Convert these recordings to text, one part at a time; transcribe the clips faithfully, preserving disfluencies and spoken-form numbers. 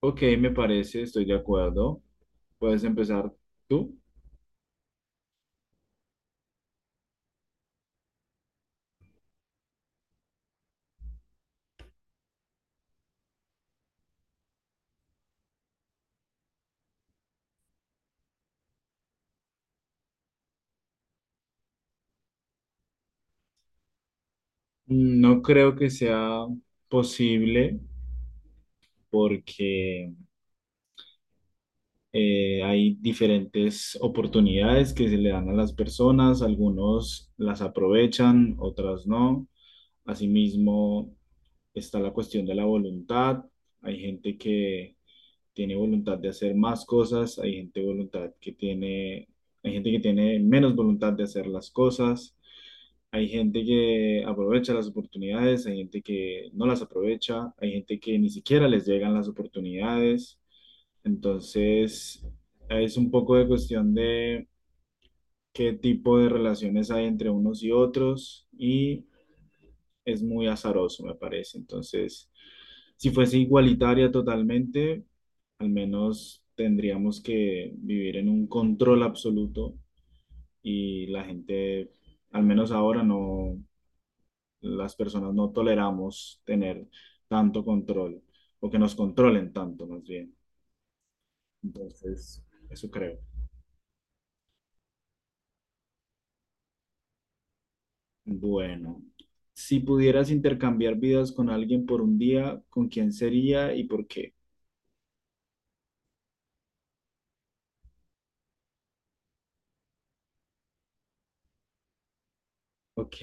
Ok, me parece, estoy de acuerdo. Puedes empezar tú. No creo que sea posible porque eh, hay diferentes oportunidades que se le dan a las personas. Algunos las aprovechan, otras no. Asimismo, está la cuestión de la voluntad. Hay gente que tiene voluntad de hacer más cosas, hay gente voluntad que tiene, hay gente que tiene menos voluntad de hacer las cosas. Hay gente que aprovecha las oportunidades, hay gente que no las aprovecha, hay gente que ni siquiera les llegan las oportunidades. Entonces, es un poco de cuestión de qué tipo de relaciones hay entre unos y otros y es muy azaroso, me parece. Entonces, si fuese igualitaria totalmente, al menos tendríamos que vivir en un control absoluto y la gente, al menos ahora, no las personas no toleramos tener tanto control o que nos controlen tanto más bien. Entonces, eso creo. Bueno, si pudieras intercambiar vidas con alguien por un día, ¿con quién sería y por qué? Ok,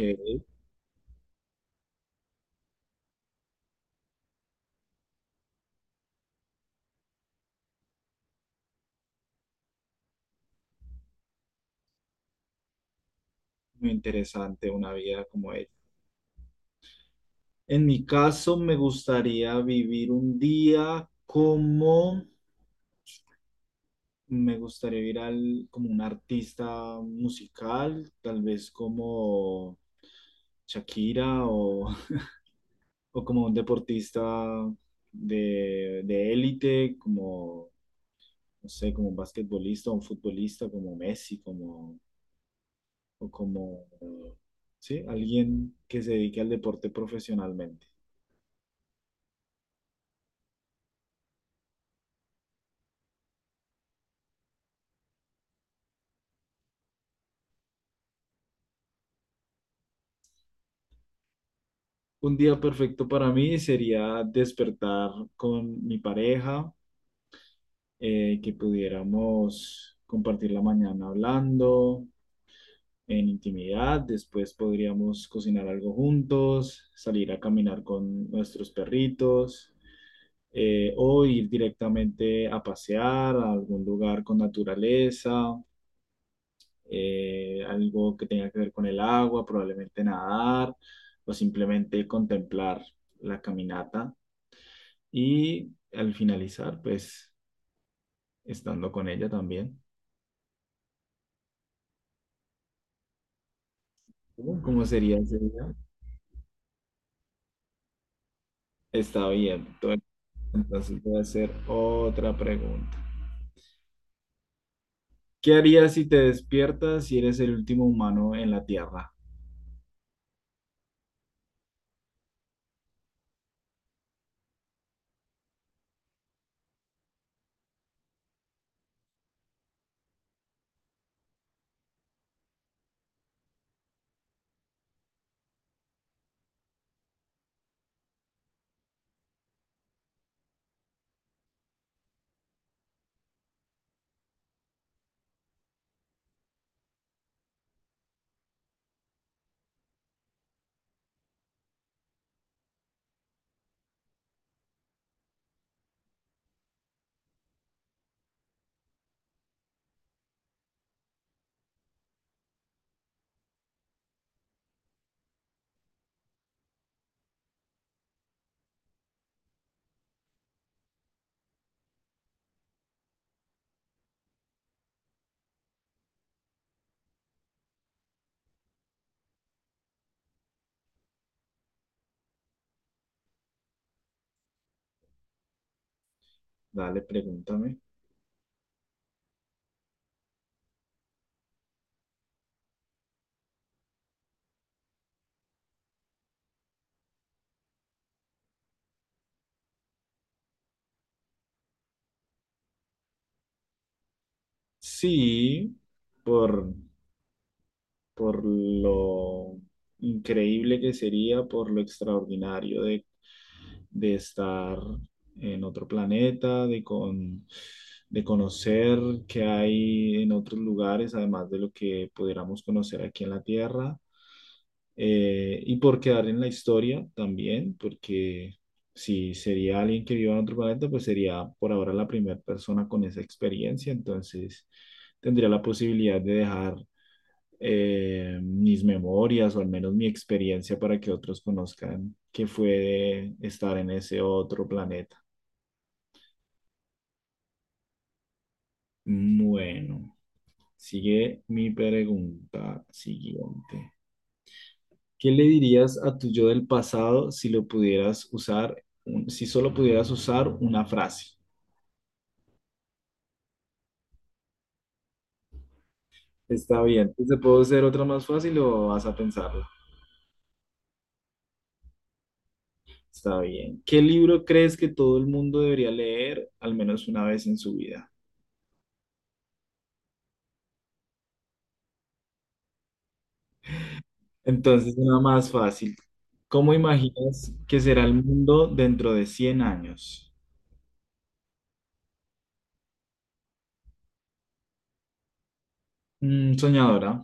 muy interesante una vida como ella. En mi caso, me gustaría vivir un día como. Me gustaría ir al, como un artista musical, tal vez como Shakira o, o como un deportista de, de élite, como, no sé, como un basquetbolista o un futbolista como Messi, como, o como, sí, alguien que se dedique al deporte profesionalmente. Un día perfecto para mí sería despertar con mi pareja eh, que pudiéramos compartir la mañana hablando en intimidad, después podríamos cocinar algo juntos, salir a caminar con nuestros perritos eh, o ir directamente a pasear a algún lugar con naturaleza, eh, algo que tenga que ver con el agua, probablemente nadar o simplemente contemplar la caminata y al finalizar, pues estando con ella también. ¿Cómo, cómo sería ese día? Está bien. Entonces, entonces voy a hacer otra pregunta. ¿Qué harías si te despiertas y eres el último humano en la Tierra? Dale, pregúntame. Sí, por, por lo increíble que sería, por lo extraordinario de de estar en otro planeta, de, con, de conocer qué hay en otros lugares, además de lo que pudiéramos conocer aquí en la Tierra. Eh, y por quedar en la historia también, porque si sería alguien que viva en otro planeta, pues sería por ahora la primera persona con esa experiencia, entonces tendría la posibilidad de dejar eh, mis memorias o al menos mi experiencia para que otros conozcan qué fue de estar en ese otro planeta. Bueno, sigue mi pregunta siguiente. ¿Qué le dirías a tu yo del pasado si lo pudieras usar, un- si solo pudieras usar una frase? Está bien. ¿Te puedo hacer otra más fácil o vas a pensarlo? Está bien. ¿Qué libro crees que todo el mundo debería leer al menos una vez en su vida? Entonces, una más fácil. ¿Cómo imaginas que será el mundo dentro de cien años? Mm, soñadora.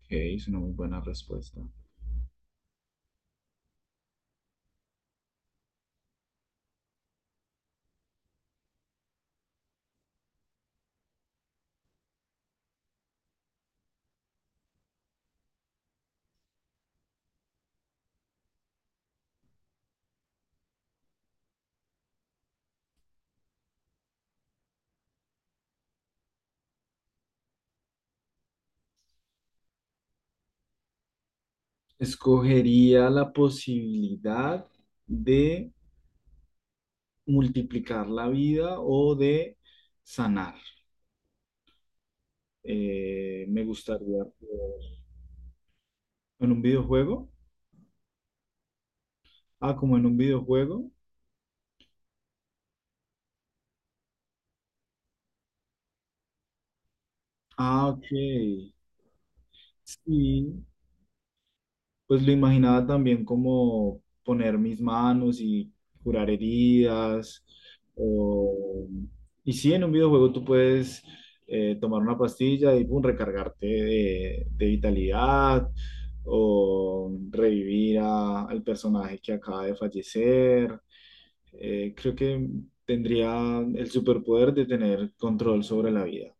Ok, es una muy buena respuesta. Escogería la posibilidad de multiplicar la vida o de sanar. Eh, me gustaría poder- en un videojuego. Ah, como en un videojuego. Ah, ok. Sí, pues lo imaginaba también como poner mis manos y curar heridas. O... Y sí, en un videojuego tú puedes eh, tomar una pastilla y pum, recargarte de, de vitalidad o revivir a- al personaje que acaba de fallecer. Eh, creo que tendría el superpoder de tener control sobre la vida.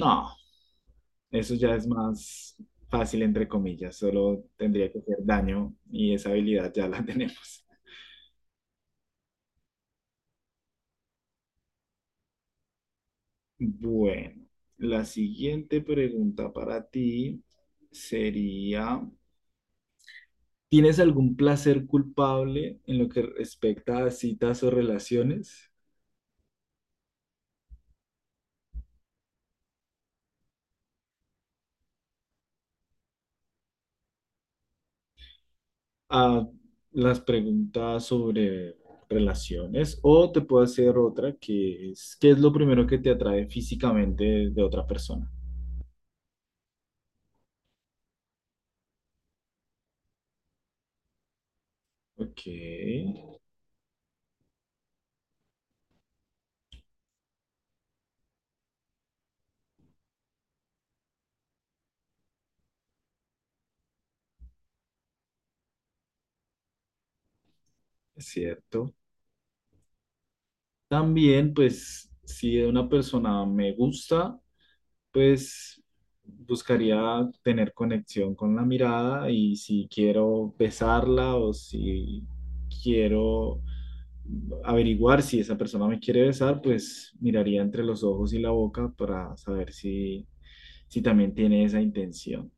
No. Eso ya es más fácil, entre comillas, solo tendría que hacer daño y esa habilidad ya la tenemos. Bueno, la siguiente pregunta para ti sería, ¿tienes algún placer culpable en lo que respecta a citas o relaciones? A las preguntas sobre relaciones o te puedo hacer otra que es, ¿qué es lo primero que te atrae físicamente de otra persona? Ok, es cierto. También, pues, si una persona me gusta, pues buscaría tener conexión con la mirada y si quiero besarla o si quiero averiguar si esa persona me quiere besar, pues miraría entre los ojos y la boca para saber si, si también tiene esa intención.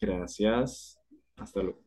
Gracias. Hasta luego.